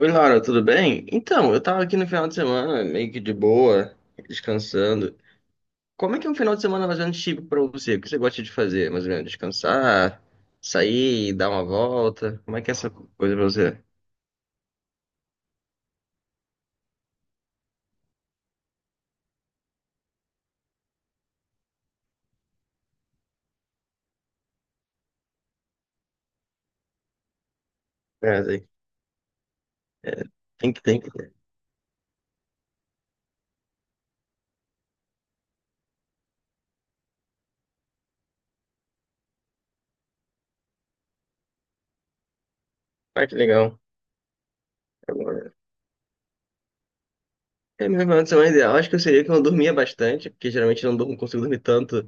Oi, Laura, tudo bem? Então, eu tava aqui no final de semana, meio que de boa, descansando. Como é que é um final de semana mais ou menos típico pra você? O que você gosta de fazer? Mais ou menos descansar, sair, dar uma volta? Como é que é essa coisa pra você? É, tem, é, tem que. Ah, que legal. Agora, é, meu final de semana ideal, acho que eu seria que eu dormia bastante, porque geralmente eu não durmo, consigo dormir tanto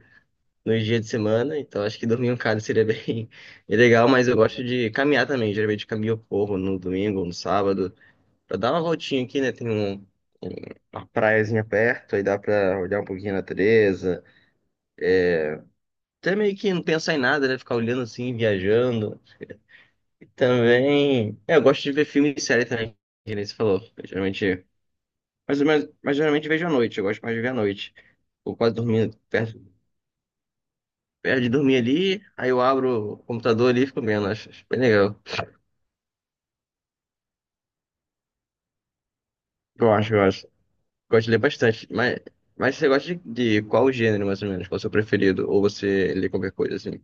nos dias de semana, então acho que dormir um cara seria bem legal, mas eu gosto de caminhar também, geralmente eu caminho eu corro no domingo, ou no sábado. Pra dar uma voltinha aqui, né? Uma praiazinha perto, aí dá pra olhar um pouquinho a natureza. Até meio que não pensar em nada, né? Ficar olhando assim, viajando. E também. É, eu gosto de ver filme e série também, que nem você falou. Eu geralmente. Mas geralmente vejo à noite, eu gosto mais de ver à noite. Vou quase dormindo, perto, perto de dormir ali, aí eu abro o computador ali e fico vendo. Acho bem legal. Eu acho, eu acho. Gosto de ler bastante. Mas você gosta de qual gênero, mais ou menos? Qual é o seu preferido? Ou você lê qualquer coisa assim?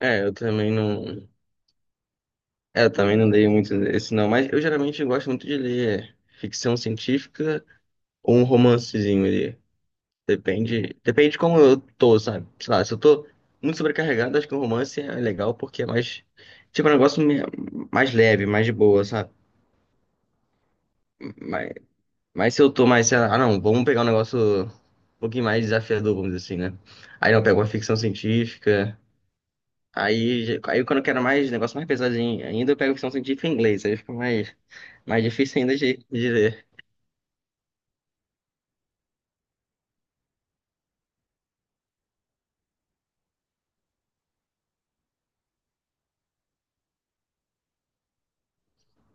É, eu também não. É, eu também não dei muito esse não, mas eu geralmente gosto muito de ler ficção científica ou um romancezinho ali. Depende de como eu tô, sabe? Sei lá, se eu tô muito sobrecarregado, acho que um romance é legal porque é mais, tipo, mais leve, mais de boa, sabe? Mas, mas se eu tô mais, sei lá, ah não, vamos pegar um negócio um pouquinho mais desafiador, vamos dizer assim, né? Aí eu pego uma ficção científica, aí quando eu quero mais negócio mais pesadinho ainda, eu pego ficção científica em inglês, aí fica mais mais difícil ainda de ler.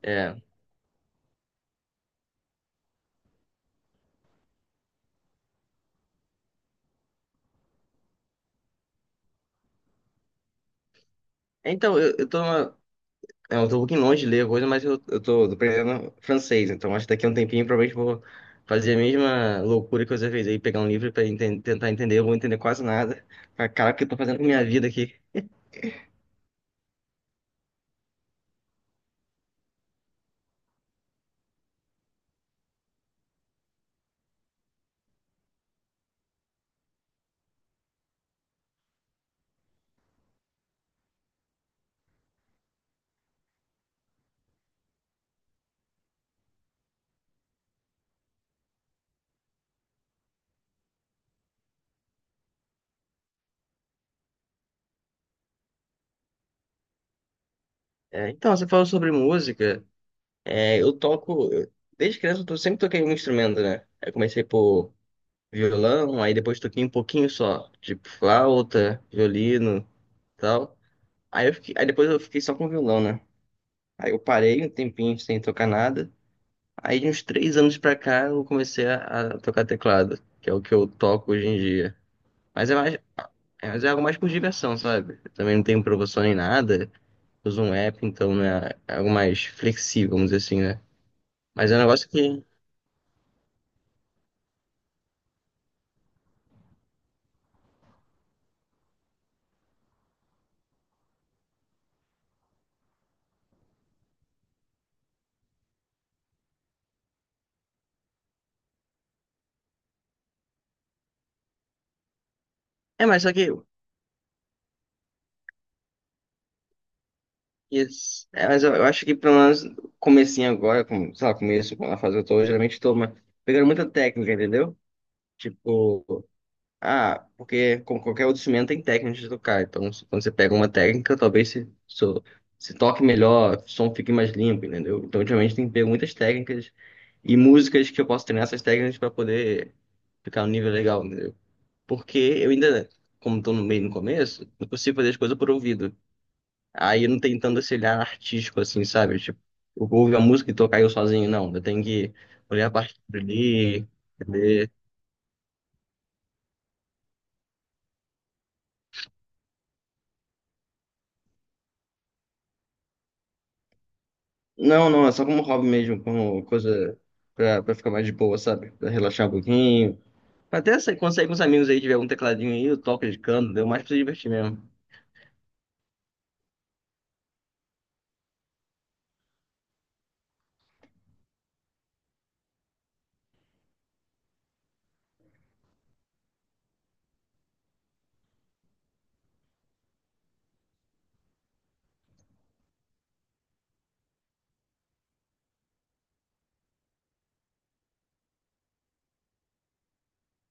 É. Então, é, eu, tô um pouquinho longe de ler a coisa, mas eu, eu tô aprendendo francês, então acho que daqui a um tempinho provavelmente vou fazer a mesma loucura que você fez aí, pegar um livro tentar entender, eu vou entender quase nada. Mas, caraca, o que eu tô fazendo com minha vida aqui? É, então, você falou sobre música, é, desde criança sempre toquei um instrumento, né? Eu comecei por violão, aí depois toquei um pouquinho só, tipo flauta, violino, tal. Aí depois eu fiquei só com violão, né? Aí eu parei um tempinho sem tocar nada. Aí de uns 3 anos pra cá eu comecei a tocar teclado, que é o que eu toco hoje em dia. Mas é mais, é, mas é algo mais por diversão, sabe? Eu também não tenho professor nem nada, uso um app, então né, é algo mais flexível, vamos dizer assim, né? Mas é um negócio que. É, mas só que. Isso. É, mas eu acho que pelo menos comecinho agora, com, sei lá, começo, na fase que eu tô, geralmente tô uma- pegando muita técnica, entendeu? Tipo. Ah, porque como qualquer outro instrumento tem técnicas de tocar. Então, quando você pega uma técnica, talvez se toque melhor, o som fique mais limpo, entendeu? Então, ultimamente tem que pego muitas técnicas e músicas que eu posso treinar essas técnicas para poder ficar no nível legal, entendeu? Porque eu ainda, como tô no meio no começo, não consigo fazer as coisas por ouvido. Aí eu não tenho tanto esse olhar artístico assim, sabe? Tipo, eu vou ouvir a música e tocar eu sozinho, não. Eu tenho que olhar a partitura ali. Não, não, é só como hobby mesmo, como coisa pra, pra ficar mais de boa, sabe? Pra relaxar um pouquinho. Até se consegue com os amigos aí, tiver um tecladinho aí, eu toco de canto, deu mais pra se divertir mesmo.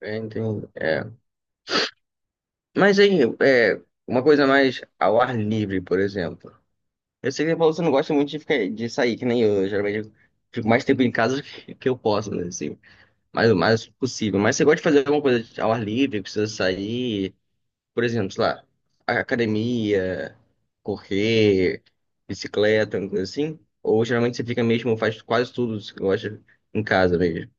É, entendo. É. Mas aí, é, uma coisa mais ao ar livre, por exemplo. Eu sei que você não gosta muito de, ficar, de sair, que nem eu. Eu geralmente fico mais tempo em casa que eu posso, né? Assim, mais o mais possível. Mas você gosta de fazer alguma coisa ao ar livre, precisa sair. Por exemplo, sei lá, academia, correr, bicicleta, uma coisa assim? Ou geralmente você fica mesmo, faz quase tudo que você gosta em casa mesmo?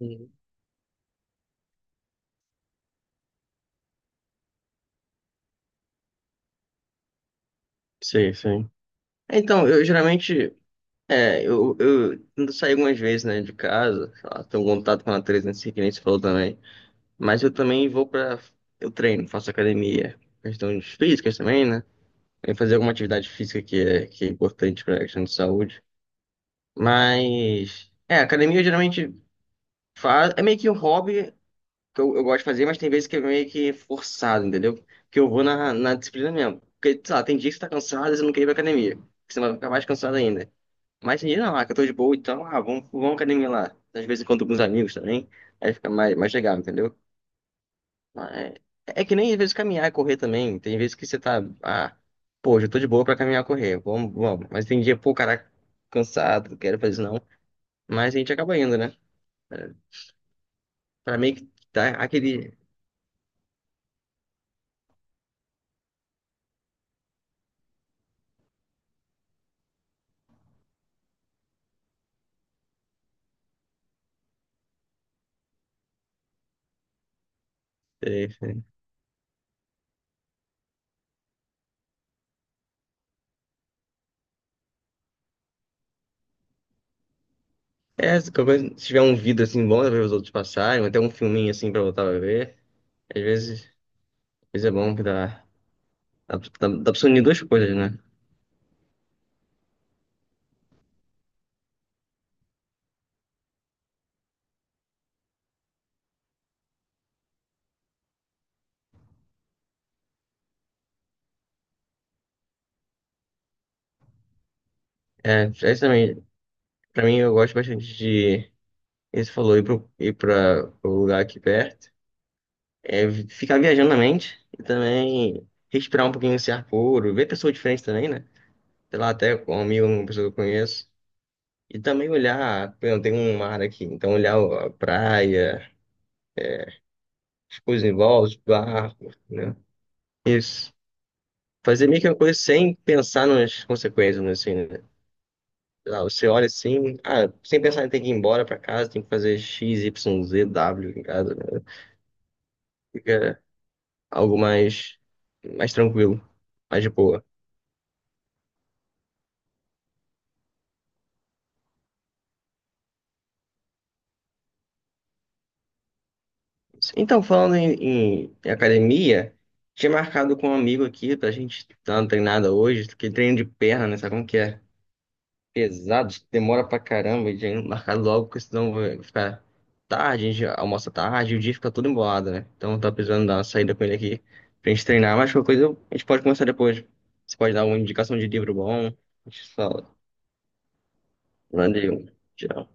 Uhum. Sei, sei. Então, eu geralmente, é, eu tento sair algumas vezes, né, de casa, sei lá, tenho um contato com a natureza, assim, que nem você falou também, mas eu também vou pra, eu treino, faço academia, questões físicas também, né, e fazer alguma atividade física que é importante pra questão de saúde, mas, é, academia eu geralmente Fa- é meio que um hobby que eu gosto de fazer, mas tem vezes que é meio que forçado, entendeu? Que eu vou na disciplina mesmo. Porque, sei lá, tem dia que você tá cansado e você não quer ir pra academia. Porque você vai ficar mais cansado ainda. Mas tem dia não, ah, que eu tô de boa, então, ah, vamos, vamos à academia lá. Às vezes encontro com os amigos também, aí fica mais, mais legal, entendeu? Mas é que nem às vezes caminhar e correr também. Tem vezes que você tá, ah, pô, hoje eu tô de boa pra caminhar e correr, vamos, vamos. Mas tem dia, pô, caraca, cansado, não quero fazer isso não. Mas a gente acaba indo, né? Pra pra meio que dar aquele. É, É, se qualquer coisa- se tiver um vídeo assim bom, dá pra ver os outros passarem, até um filminho assim pra voltar a ver. Às vezes, às vezes é bom que dá, dá pra unir duas coisas, né? É, é isso também, pra mim eu gosto bastante de, esse falou, ir, pro, ir pra o lugar aqui perto, ficar viajando na mente e também respirar um pouquinho esse ar puro, ver pessoas diferentes também, né? Sei lá, até com um amigo, uma pessoa que eu conheço. E também olhar, por exemplo, tem um mar aqui, então olhar a praia, as coisas em volta, os barcos, né? Isso. Fazer meio que uma coisa sem pensar nas consequências, né, assim, né? Sei lá, você olha assim, ah, sem pensar em ter que ir embora pra casa, tem que fazer X, Y, Z, W em casa, né? Fica algo mais, mais tranquilo, mais de boa. Então, falando em, em academia, tinha marcado com um amigo aqui pra gente dar uma treinada hoje, que treino de perna, né? Sabe como que é? Pesados, demora pra caramba, e já marcar logo, porque senão vai ficar tarde, a gente almoça tarde, e o dia fica todo embolado, né? Então tá precisando dar uma saída com ele aqui pra gente treinar, mas qualquer coisa a gente pode começar depois. Você pode dar uma indicação de livro bom, a gente fala. Valeu, tchau.